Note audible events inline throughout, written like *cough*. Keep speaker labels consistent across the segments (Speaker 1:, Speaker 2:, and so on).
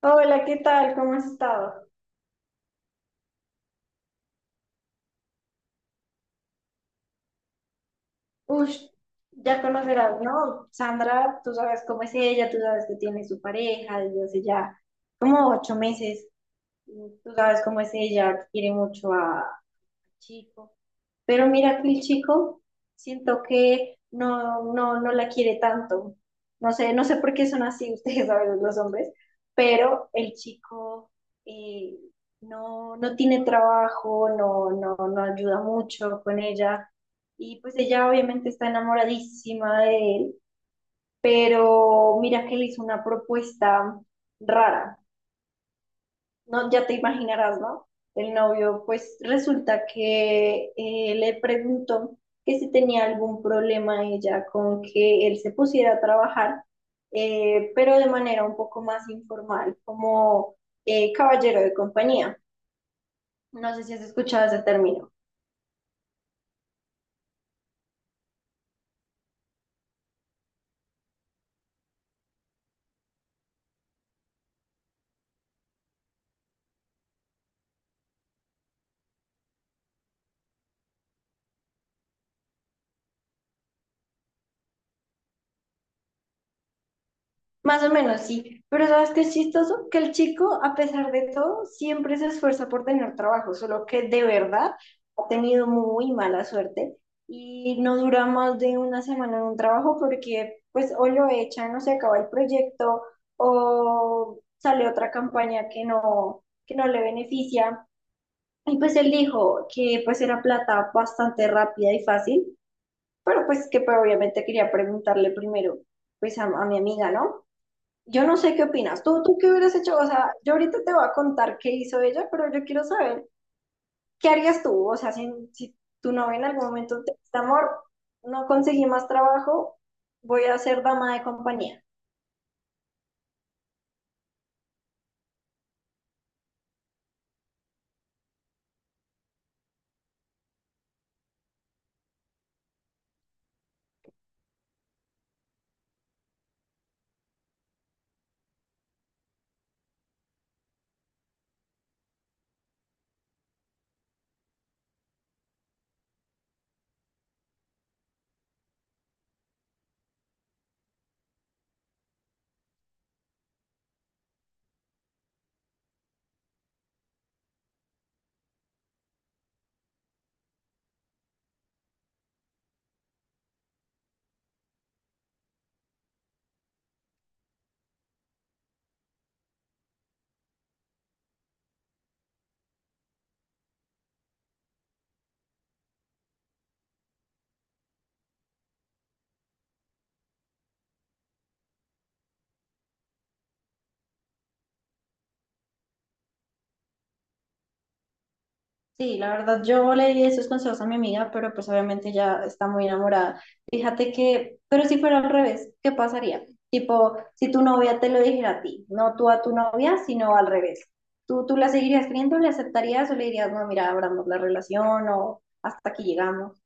Speaker 1: Hola, ¿qué tal? ¿Cómo has estado? Ush, ya conocerás, ¿no? Sandra, tú sabes cómo es ella, tú sabes que tiene su pareja desde hace ya como ocho meses. Tú sabes cómo es ella, quiere mucho a Chico. Pero mira que el chico siento que no la quiere tanto. No sé, no sé por qué son así *laughs* ustedes a veces los hombres, pero el chico eh, no, no tiene trabajo, no, no, no ayuda mucho con ella. Y pues ella obviamente está enamoradísima de él, pero mira que le hizo una propuesta rara. No, ya te imaginarás, ¿no? El novio, pues resulta que le preguntó que si tenía algún problema ella con que él se pusiera a trabajar, pero de manera un poco más informal, como caballero de compañía. No sé si has escuchado ese término. Más o menos, sí. Pero ¿sabes qué es chistoso? Que el chico, a pesar de todo, siempre se esfuerza por tener trabajo, solo que de verdad ha tenido muy mala suerte y no dura más de una semana en un trabajo porque pues o lo echan o se acaba el proyecto o sale otra campaña que no le beneficia. Y pues él dijo que pues era plata bastante rápida y fácil, pero pues que, obviamente quería preguntarle primero pues a mi amiga, ¿no? Yo no sé qué opinas. ¿Tú qué hubieras hecho? O sea, yo ahorita te voy a contar qué hizo ella, pero yo quiero saber qué harías tú. O sea, si tu novia en algún momento te dice, amor, no conseguí más trabajo, voy a ser dama de compañía. Sí, la verdad, yo le di esos consejos a mi amiga, pero pues obviamente ya está muy enamorada. Fíjate que, pero si fuera al revés, ¿qué pasaría? Tipo, si tu novia te lo dijera a ti, no tú a tu novia, sino al revés. ¿Tú la seguirías creyendo, le aceptarías o le dirías, no, mira, abramos la relación o hasta aquí llegamos?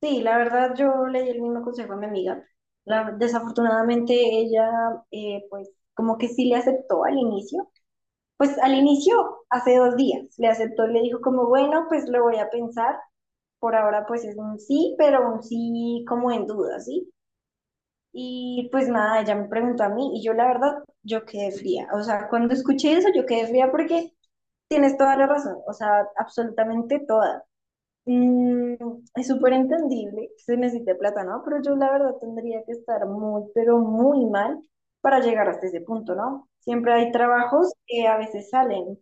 Speaker 1: Sí, la verdad, yo le di el mismo consejo a mi amiga. Desafortunadamente, ella, pues, como que sí le aceptó al inicio. Pues al inicio, hace dos días, le aceptó, le dijo como, bueno, pues lo voy a pensar. Por ahora pues es un sí, pero un sí como en duda, ¿sí? Y pues nada, ella me preguntó a mí y yo la verdad, yo quedé fría. O sea, cuando escuché eso, yo quedé fría porque tienes toda la razón, o sea, absolutamente toda. Mm, es súper entendible, que se necesita plata, ¿no? Pero yo la verdad tendría que estar muy, pero muy mal para llegar hasta ese punto, ¿no? Siempre hay trabajos que a veces salen,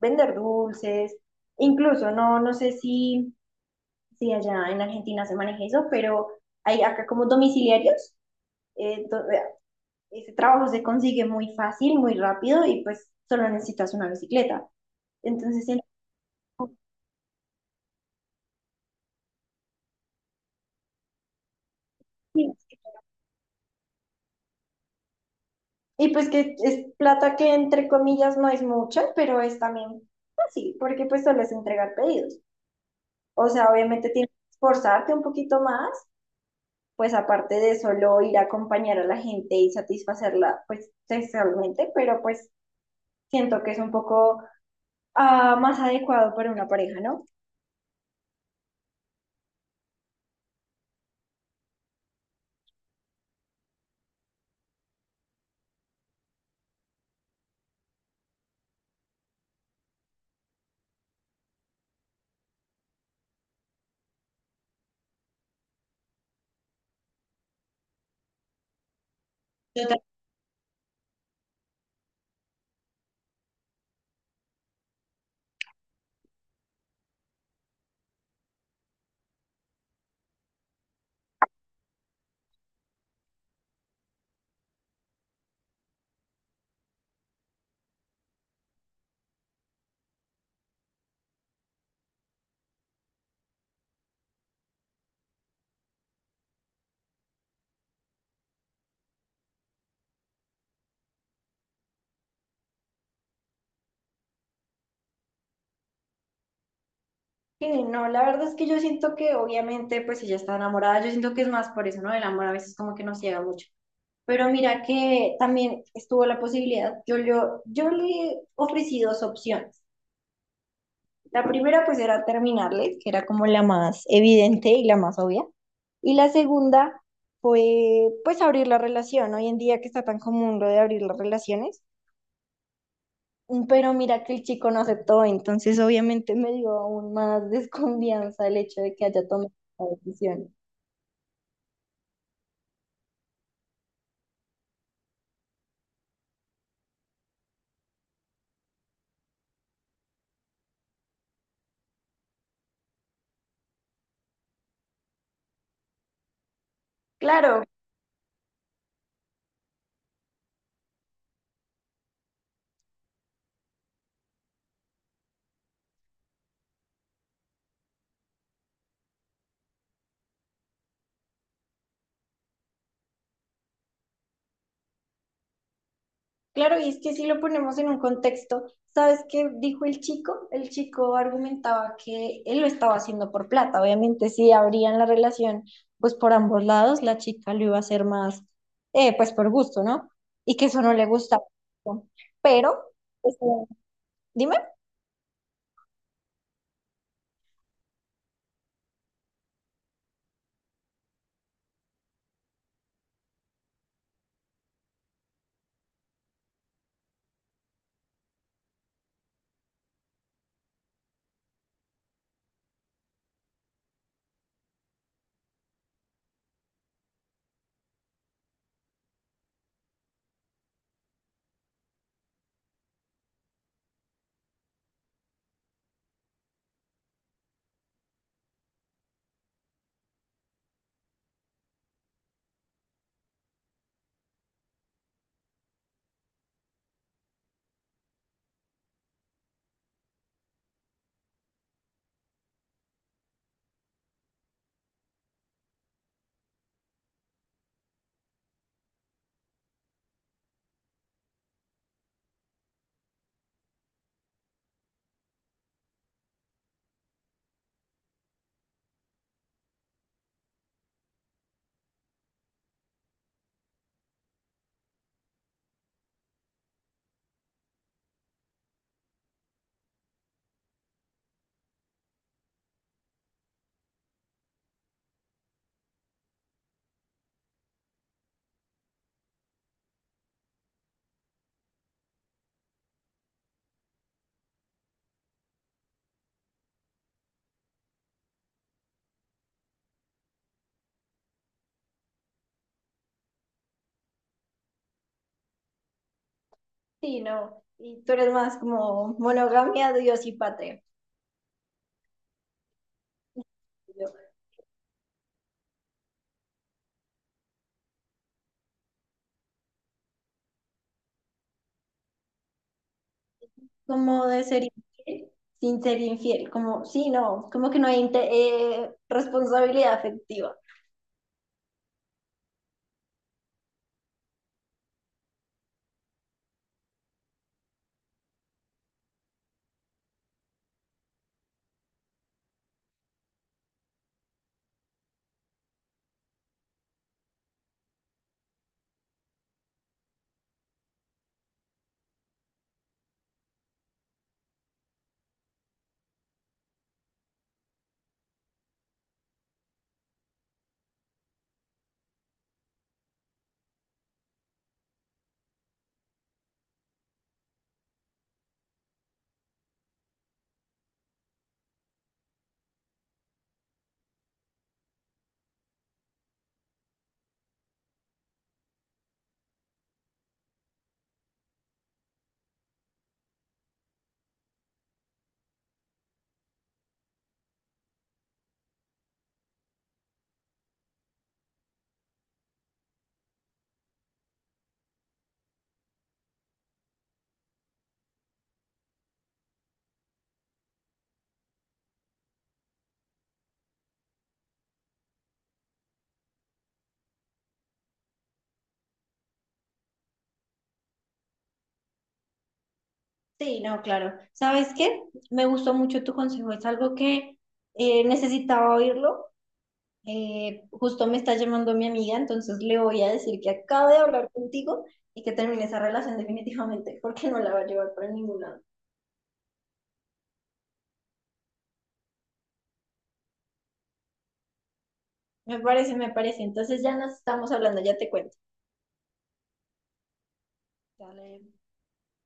Speaker 1: vender dulces, incluso no, no sé si, si allá en Argentina se maneja eso, pero hay acá como domiciliarios, eh, do- eh, ese trabajo se consigue muy fácil, muy rápido y pues solo necesitas una bicicleta. Entonces, en- y pues que es plata que entre comillas no es mucha, pero es también fácil, porque pues solo es entregar pedidos. O sea, obviamente tienes que esforzarte un poquito más, pues aparte de solo ir a acompañar a la gente y satisfacerla, pues sexualmente, pero pues siento que es un poco más adecuado para una pareja, ¿no? Total. Sí, no, la verdad es que yo siento que obviamente, pues si ya está enamorada, yo siento que es más por eso, ¿no? El amor a veces como que nos ciega mucho. Pero mira que también estuvo la posibilidad, yo le ofrecí dos opciones. La primera pues era terminarle, que era como la más evidente y la más obvia. Y la segunda fue pues abrir la relación, ¿no? Hoy en día que está tan común lo de abrir las relaciones. Pero mira que el chico no aceptó, entonces obviamente me dio aún más *laughs* desconfianza el hecho de que haya tomado la decisión. Claro, claro, y es que si lo ponemos en un contexto, ¿sabes qué dijo el chico? El chico argumentaba que él lo estaba haciendo por plata. Obviamente, si abrían la relación, pues por ambos lados, la chica lo iba a hacer más, pues por gusto, ¿no? Y que eso no le gustaba. Pero, pues, dime. Sí, no. Y tú eres más como monogamia, Dios y patria. Yo, como de ser infiel sin ser infiel, como, sí, no, como que no hay responsabilidad afectiva. Sí, no, claro. ¿Sabes qué? Me gustó mucho tu consejo, es algo que necesitaba oírlo. Justo me está llamando mi amiga, entonces le voy a decir que acabo de hablar contigo y que termine esa relación definitivamente, porque no la va a llevar para ningún lado. Me parece, me parece. Entonces ya nos estamos hablando, ya te cuento. Dale.